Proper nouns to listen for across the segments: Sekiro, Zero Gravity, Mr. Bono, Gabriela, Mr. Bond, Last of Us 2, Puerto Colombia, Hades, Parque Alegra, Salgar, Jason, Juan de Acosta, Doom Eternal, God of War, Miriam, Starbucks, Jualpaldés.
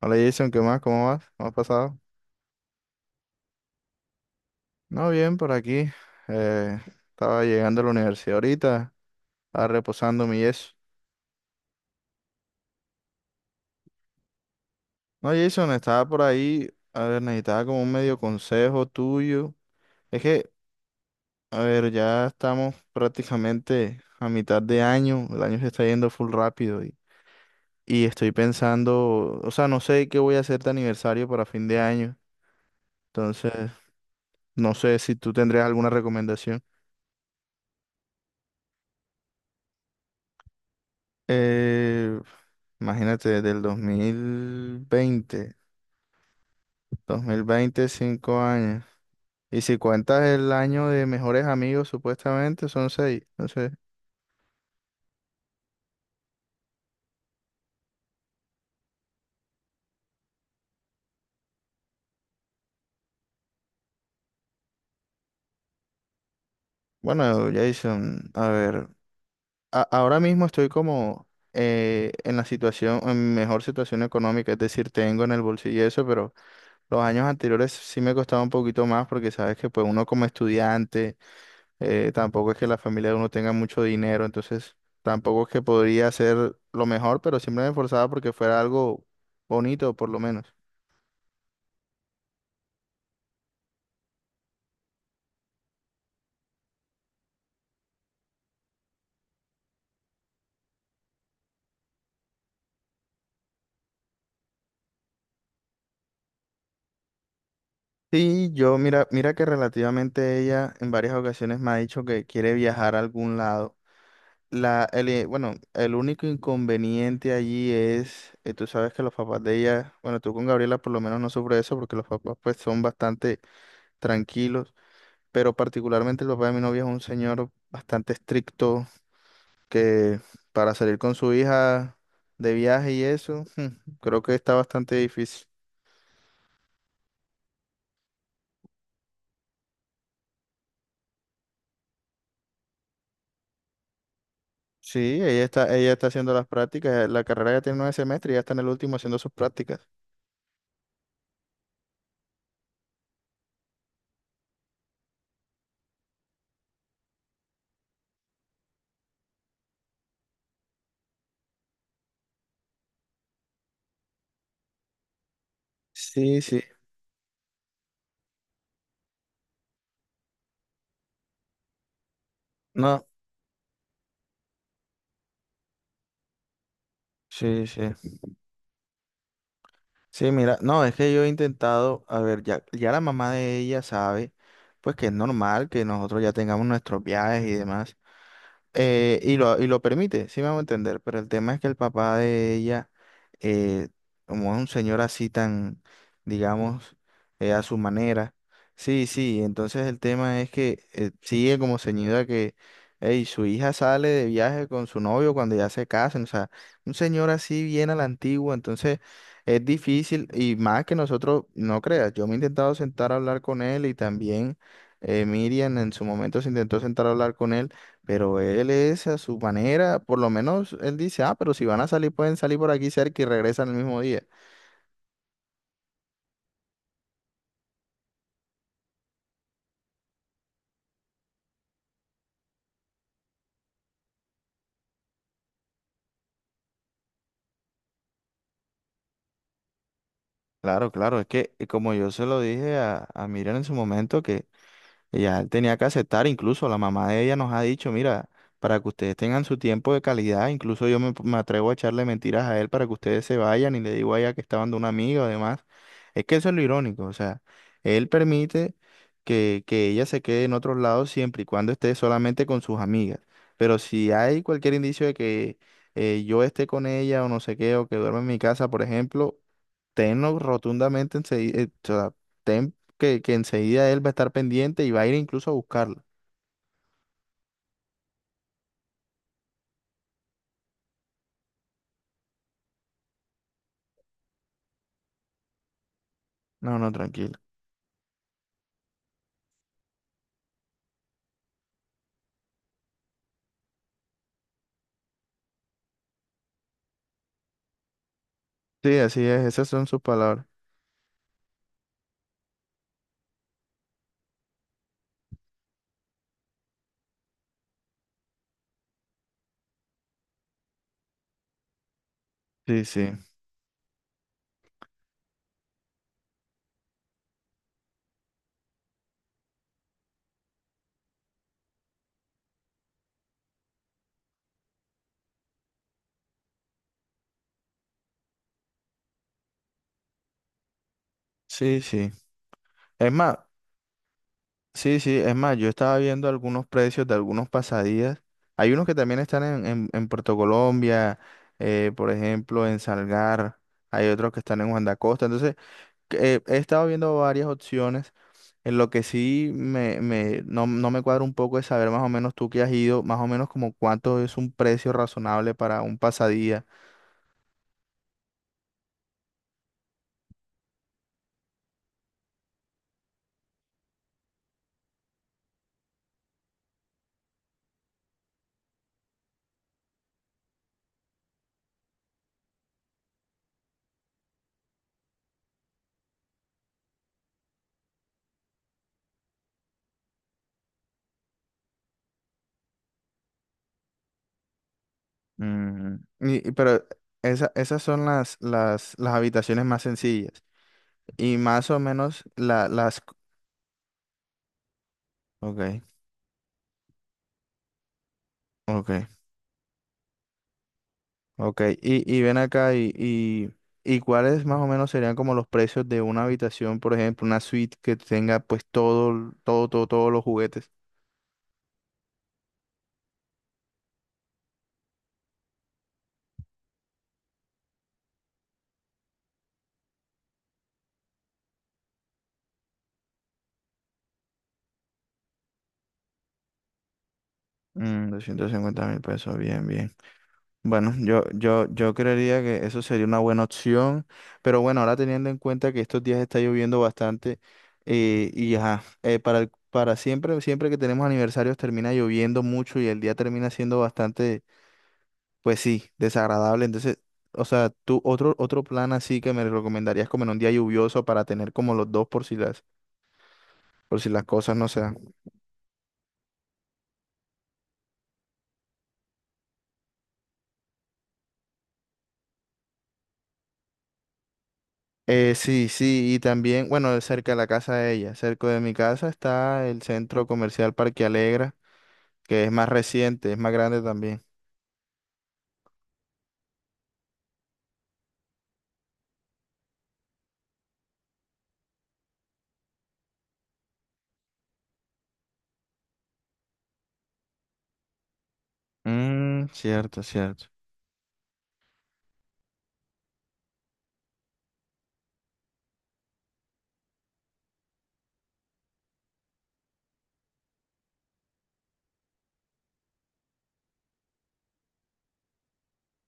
Hola, Jason, ¿qué más? ¿Cómo vas? ¿Cómo has pasado? No, bien, por aquí. Eh, Estaba llegando a la universidad ahorita, estaba reposando mi yeso. No, Jason, estaba por ahí, a ver, necesitaba como un medio consejo tuyo. Es que, a ver, ya estamos prácticamente a mitad de año, el año se está yendo full rápido y, estoy pensando, o sea, no sé qué voy a hacer de aniversario para fin de año, entonces no sé si tú tendrías alguna recomendación. Eh, Imagínate, del dos mil veinte, dos mil veinte, cinco años. Y si cuentas el año de mejores amigos, supuestamente son seis. Entonces, bueno, Jason, a ver, ahora mismo estoy como en la situación, en mejor situación económica, es decir, tengo en el bolsillo eso, pero los años anteriores sí me costaba un poquito más porque sabes que pues uno como estudiante, tampoco es que la familia de uno tenga mucho dinero, entonces tampoco es que podría ser lo mejor, pero siempre me esforzaba porque fuera algo bonito, por lo menos. Sí, yo mira, mira que relativamente ella en varias ocasiones me ha dicho que quiere viajar a algún lado. Bueno, el único inconveniente allí es, tú sabes que los papás de ella, bueno, tú con Gabriela por lo menos no sufres eso porque los papás pues son bastante tranquilos, pero particularmente el papá de mi novia es un señor bastante estricto, que para salir con su hija de viaje y eso, creo que está bastante difícil. Sí, ella está haciendo las prácticas, la carrera ya tiene nueve semestres y ya está en el último haciendo sus prácticas. Sí, sí, no, sí, sí. Sí, mira, no, es que yo he intentado, a ver, ya la mamá de ella sabe, pues que es normal que nosotros ya tengamos nuestros viajes y demás. Y lo permite, sí me hago entender, pero el tema es que el papá de ella, eh, como es un señor así tan, digamos, a su manera, sí, sí, entonces el tema es que sigue como ceñido a que ey, su hija sale de viaje con su novio cuando ya se casan, o sea, un señor así bien a la antigua, entonces es difícil, y más que nosotros, no creas, yo me he intentado sentar a hablar con él, y también Miriam en su momento se intentó sentar a hablar con él, pero él es a su manera, por lo menos él dice, ah, pero si van a salir, pueden salir por aquí cerca y regresan el mismo día. Claro, claro, es que como yo se lo dije a Miriam en su momento, que ella tenía que aceptar, incluso la mamá de ella nos ha dicho, mira, para que ustedes tengan su tiempo de calidad, incluso yo me, me atrevo a echarle mentiras a él para que ustedes se vayan y le digo a ella que estaban de una amiga o demás. Es que eso es lo irónico, o sea, él permite que ella se quede en otros lados siempre y cuando esté solamente con sus amigas. Pero si hay cualquier indicio de que yo esté con ella o no sé qué, o que duerma en mi casa, por ejemplo, tenlo rotundamente, en que enseguida él va a estar pendiente y va a ir incluso a buscarla. No, no, tranquila. Sí, así es, esas son sus palabras. Sí, sí, sí, sí. Es más, sí, sí, es más, yo estaba viendo algunos precios de algunos pasadías. Hay unos que también están en Puerto Colombia, por ejemplo, en Salgar. Hay otros que están en Juan de Acosta. Entonces, que, he estado viendo varias opciones. En lo que sí no, no me cuadra un poco es saber más o menos tú que has ido, más o menos como cuánto es un precio razonable para un pasadía. Mm, pero esas son las habitaciones más sencillas. Y más o menos la, las... Ok, ok, ok. Y ven acá y cuáles más o menos serían como los precios de una habitación, por ejemplo, una suite que tenga pues todo, todo, todo, todos los juguetes. Mm, 250 mil pesos, bien, bien. Bueno, yo creería que eso sería una buena opción, pero bueno, ahora teniendo en cuenta que estos días está lloviendo bastante, y ajá, para siempre, siempre que tenemos aniversarios termina lloviendo mucho y el día termina siendo bastante, pues sí, desagradable. Entonces, o sea, tú otro, otro plan así que me recomendarías como en un día lluvioso para tener como los dos por si las cosas no se dan. Sí, sí, y también, bueno, cerca de la casa de ella, cerca de mi casa está el centro comercial Parque Alegra, que es más reciente, es más grande también. Mm, cierto, cierto.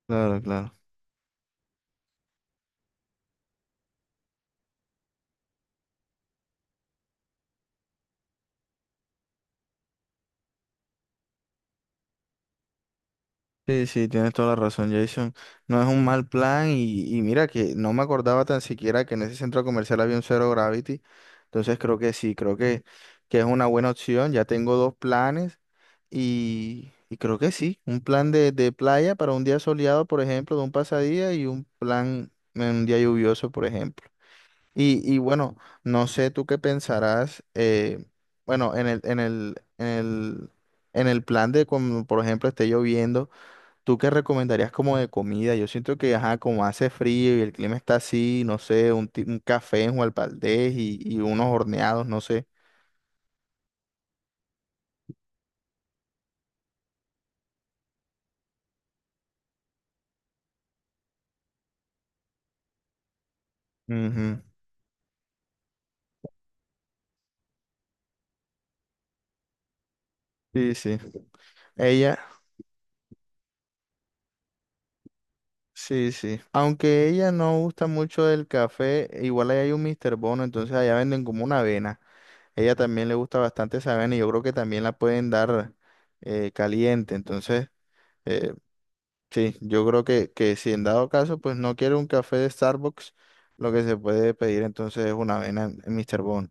Claro, claro. Sí, sí, tienes toda la razón, Jason. No es un mal plan, y mira que no me acordaba tan siquiera que en ese centro comercial había un Zero Gravity. Entonces creo que sí, creo que es una buena opción. Ya tengo dos planes y creo que sí. Un plan de playa para un día soleado, por ejemplo, de un pasadía, y un plan en un día lluvioso, por ejemplo. Y bueno, no sé tú qué pensarás, bueno, en el plan de, como, por ejemplo, esté lloviendo, ¿tú qué recomendarías como de comida? Yo siento que, ajá, como hace frío y el clima está así, no sé, un, un café en Jualpaldés y unos horneados, no sé. Ujú. Sí, sí. Ella, sí, sí. Aunque ella no gusta mucho del café, igual ahí hay un Mr. Bono, entonces allá venden como una avena. Ella también le gusta bastante esa avena y yo creo que también la pueden dar caliente. Entonces, eh, sí, yo creo que si en dado caso, pues no quiere un café de Starbucks, lo que se puede pedir entonces es una avena en Mr. Bond.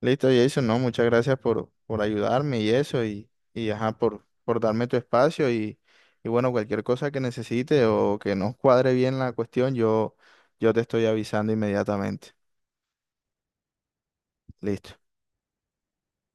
Listo, Jason, no, muchas gracias por ayudarme y eso, y ajá, por darme tu espacio y bueno, cualquier cosa que necesite o que no cuadre bien la cuestión, yo te estoy avisando inmediatamente. Listo.